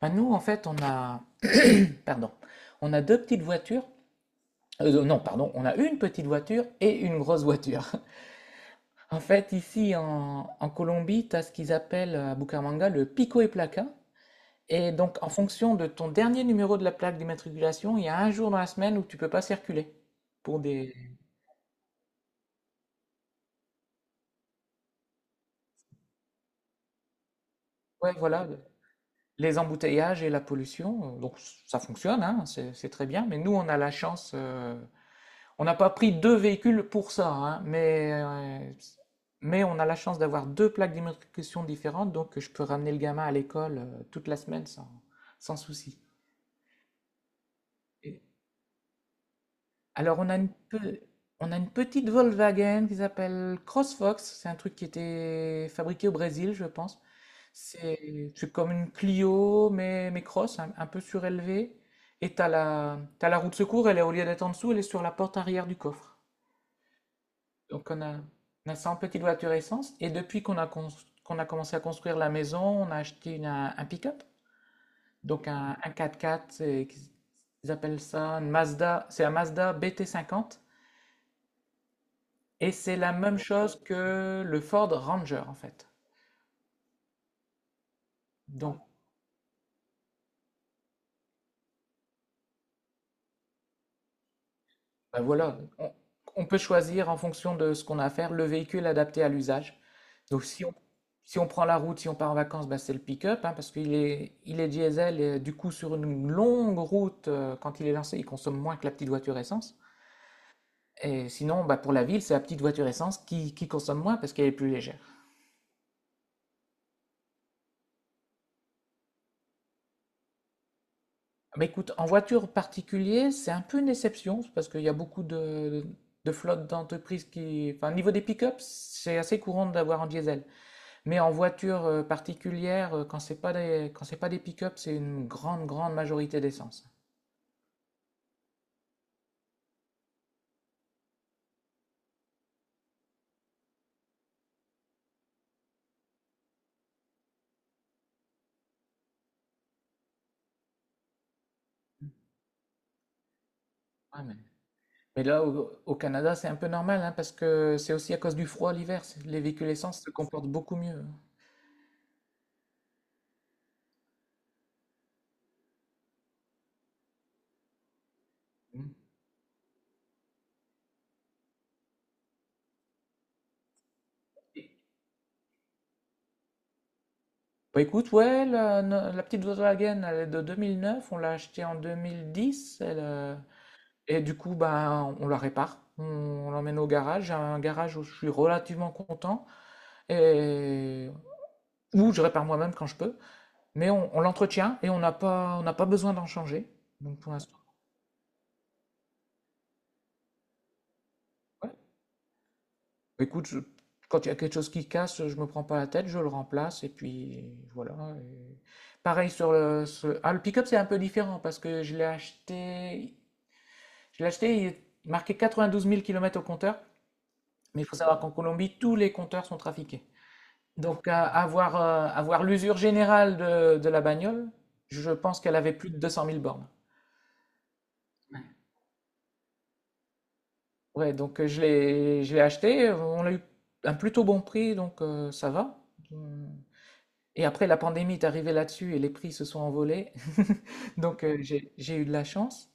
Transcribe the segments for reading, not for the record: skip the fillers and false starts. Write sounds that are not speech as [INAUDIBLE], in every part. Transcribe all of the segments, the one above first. Nous, en fait, pardon, on a deux petites voitures. Non, pardon, on a une petite voiture et une grosse voiture. [LAUGHS] En fait, ici en Colombie, tu as ce qu'ils appellent à Bucaramanga le pico et placa. Et donc, en fonction de ton dernier numéro de la plaque d'immatriculation, il y a un jour dans la semaine où tu peux pas circuler pour des, ouais, voilà, les embouteillages et la pollution. Donc, ça fonctionne, hein, c'est très bien. Mais nous, on a la chance, on n'a pas pris deux véhicules pour ça, hein, mais on a la chance d'avoir deux plaques d'immatriculation différentes, donc je peux ramener le gamin à l'école toute la semaine sans souci. Et- alors on a on a une petite Volkswagen qui s'appelle CrossFox, c'est un truc qui était fabriqué au Brésil, je pense. C'est comme une Clio, mais cross, un peu surélevée. Et t'as la roue de secours, elle est au lieu d'être en dessous, elle est sur la porte arrière du coffre. Donc on a, on a 100 petites voitures essence et depuis qu'on a commencé à construire la maison, on a acheté un pick-up, donc un quatre x ils appellent ça une Mazda, c'est un Mazda BT50 et c'est la même chose que le Ford Ranger en fait. Donc Ben voilà, on peut choisir en fonction de ce qu'on a à faire, le véhicule adapté à l'usage. Donc si on, Si on prend la route, si on part en vacances, ben c'est le pick-up, hein, parce il est diesel, et du coup sur une longue route, quand il est lancé, il consomme moins que la petite voiture essence. Et sinon, bah, pour la ville, c'est la petite voiture essence qui consomme moins parce qu'elle est plus légère. Mais écoute, en voiture particulier, c'est un peu une déception parce qu'il y a de flottes d'entreprises qui. Enfin, au niveau des pick-ups, c'est assez courant d'avoir en diesel. Mais en voiture particulière, quand c'est pas des, quand c'est pas des pick-up, c'est une grande majorité d'essence. Ouais, mais, mais là, au Canada, c'est un peu normal, hein, parce que c'est aussi à cause du froid l'hiver. Les véhicules essence se comportent beaucoup mieux. Mm. Bah écoute, ouais, la, no- la petite Volkswagen, elle est de 2009, on l'a achetée en 2010, et du coup, ben, on la répare, on l'emmène au garage. J'ai un garage où je suis relativement content, et où je répare moi-même quand je peux. Mais on l'entretient et on n'a pas besoin d'en changer. Donc pour l'instant, ouais. Écoute, je- Quand il y a quelque chose qui casse, je me prends pas la tête, je le remplace et puis voilà. et- Pareil sur le pick-up, c'est un peu différent parce que je l'ai acheté, il est marqué 92 000 km au compteur, mais il faut savoir qu'en Colombie, tous les compteurs sont trafiqués. Avoir l'usure générale de la bagnole, je pense qu'elle avait plus de 200 000 bornes. Ouais, donc je l'ai acheté, on l'a eu un plutôt bon prix, donc ça va. Hum. Et après, la pandémie est arrivée là-dessus et les prix se sont envolés. [LAUGHS] Donc j'ai eu de la chance.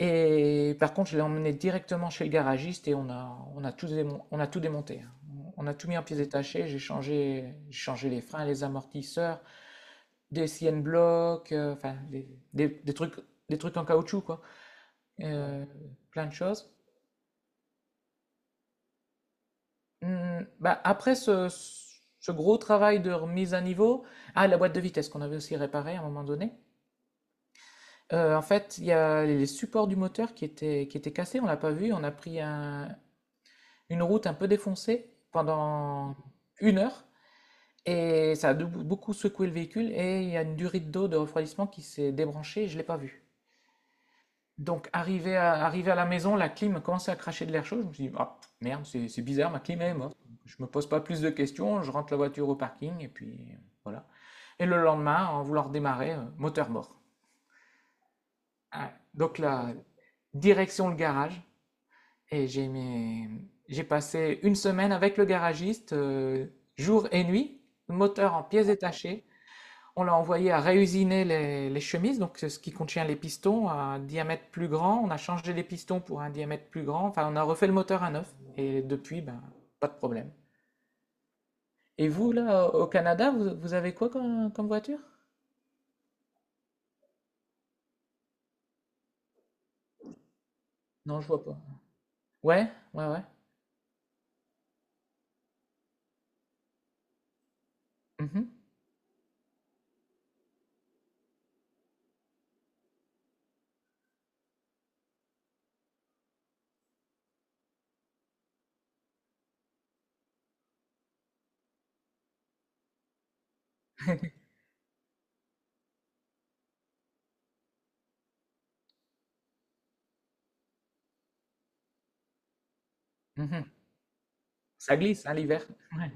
Et par contre, je l'ai emmené directement chez le garagiste et on a on a tout démonté, hein. On a tout mis en pièces détachées, j'ai changé les freins, les amortisseurs, des siennes blocs, des- des trucs, des trucs en caoutchouc, quoi. Euh, Plein de choses. Mmh, bah, après ce, ce gros travail de remise à niveau, ah, la boîte de vitesse qu'on avait aussi réparée à un moment donné, en fait, il y a les supports du moteur qui étaient cassés, on l'a pas vu, on a pris une route un peu défoncée pendant une heure et ça a beaucoup secoué le véhicule et il y a une durite d'eau de refroidissement qui s'est débranchée et je l'ai pas vu. Donc, arrivé à la maison, la clim commençait à cracher de l'air chaud. Je me suis dit, ah, merde, c'est bizarre, ma clim est morte. Je me pose pas plus de questions, je rentre la voiture au parking et puis voilà. Et le lendemain, en voulant redémarrer, moteur mort. Ah, donc là, direction le garage et j'ai passé une semaine avec le garagiste, jour et nuit, moteur en pièces détachées. On l'a envoyé à réusiner les chemises, donc ce qui contient les pistons, à un diamètre plus grand. On a changé les pistons pour un diamètre plus grand. Enfin, on a refait le moteur à neuf. Et depuis, ben, pas de problème. Et vous, là, au Canada, vous avez quoi comme voiture? Non, je vois pas. Ouais, ouais, ouais. Mhm, mhm. Ça glisse, hein, l'hiver. Ouais.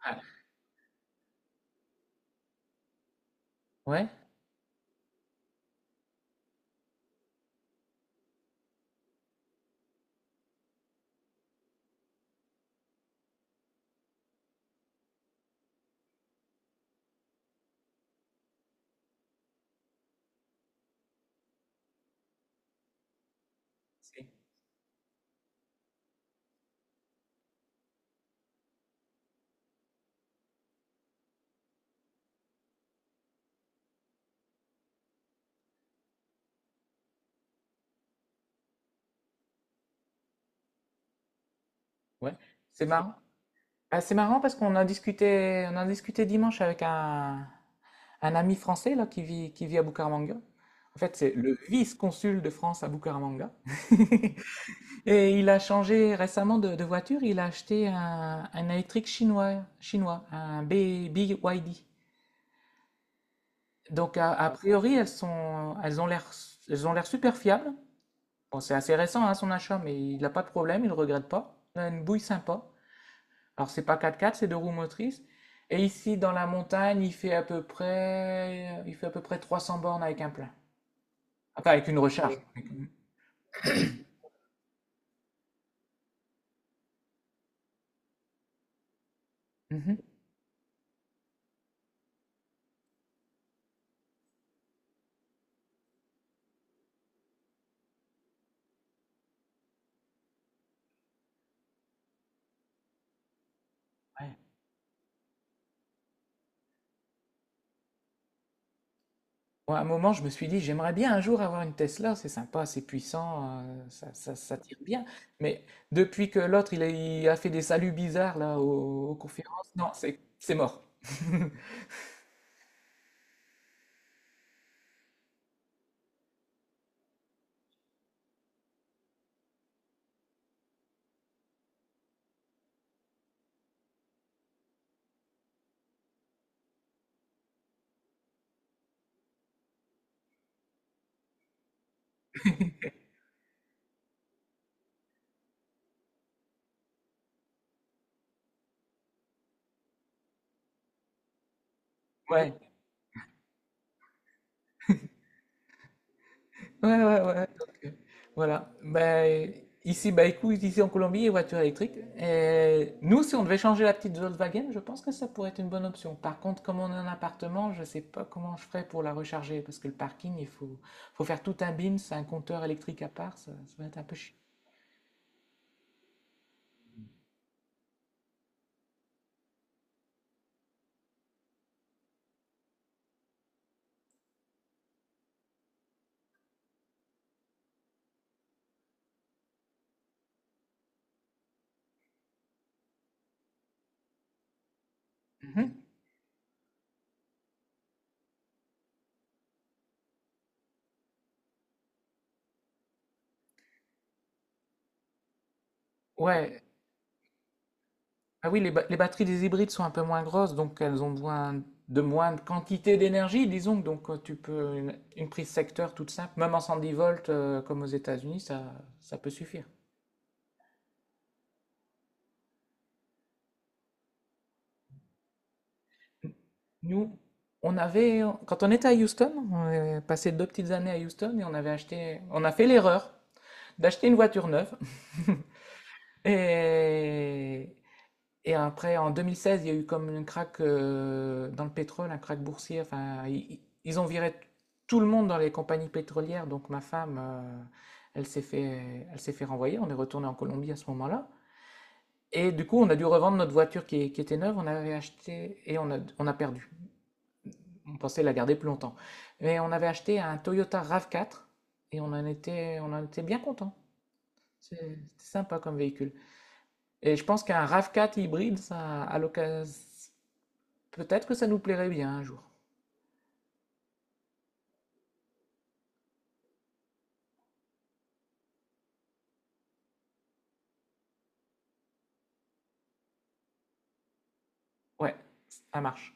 Ah, Ouais, c'est ouais. C'est marrant. Ah, c'est marrant parce on a discuté dimanche avec un ami français là, qui vit à Bucaramanga. En fait, c'est le vice-consul de France à Bucaramanga. [LAUGHS] Et il a changé récemment de voiture. Il a acheté un électrique chinois, un BYD. Donc, a priori, elles ont l'air super fiables. Bon, c'est assez récent, hein, son achat, mais il n'a pas de problème, il ne regrette pas. Il a une bouille sympa. Alors, c'est pas 4x4, c'est deux roues motrices. Et ici, dans la montagne, il fait à peu près 300 bornes avec un plein. Enfin, avec une recharge. Mhm. Ouais. Moi, à un moment, je me suis dit, j'aimerais bien un jour avoir une Tesla, c'est sympa, c'est puissant, ça tire bien. Mais depuis que l'autre, il a fait des saluts bizarres là aux conférences, non, c'est mort. [LAUGHS] Ouais. Ouais, ouais, ouais. Voilà. Bah écoute, ici en Colombie, les voitures électriques. Et nous, si on devait changer la petite Volkswagen, je pense que ça pourrait être une bonne option. Par contre, comme on est en appartement, je ne sais pas comment je ferais pour la recharger, parce que le parking, faut faire tout un BIMS, un compteur électrique à part, ça va être un peu chiant. Mhm. Ouais, ah oui, les batteries des hybrides sont un peu moins grosses, donc elles ont besoin de moins de quantité d'énergie, disons. Donc tu peux une prise secteur toute simple, même en 110 volts comme aux États-Unis, ça peut suffire. Nous, quand on était à Houston, on est passé deux petites années à Houston et on a fait l'erreur d'acheter une voiture neuve. [LAUGHS] Et, Et après, en 2016, il y a eu comme un crack dans le pétrole, un crack boursier. Ils ont tout le monde dans les compagnies pétrolières. Donc ma femme, elle s'est fait renvoyer. On est retourné en Colombie à ce moment-là. Et du coup, on a dû revendre notre voiture qui était neuve. On avait acheté et on a perdu. On pensait la garder plus longtemps. Mais on avait acheté un Toyota RAV4 et on en était bien content. C'était sympa comme véhicule. Et je pense qu'un RAV4 hybride, ça, à l'occasion, peut-être que ça nous plairait bien un jour. Ouais, ça marche.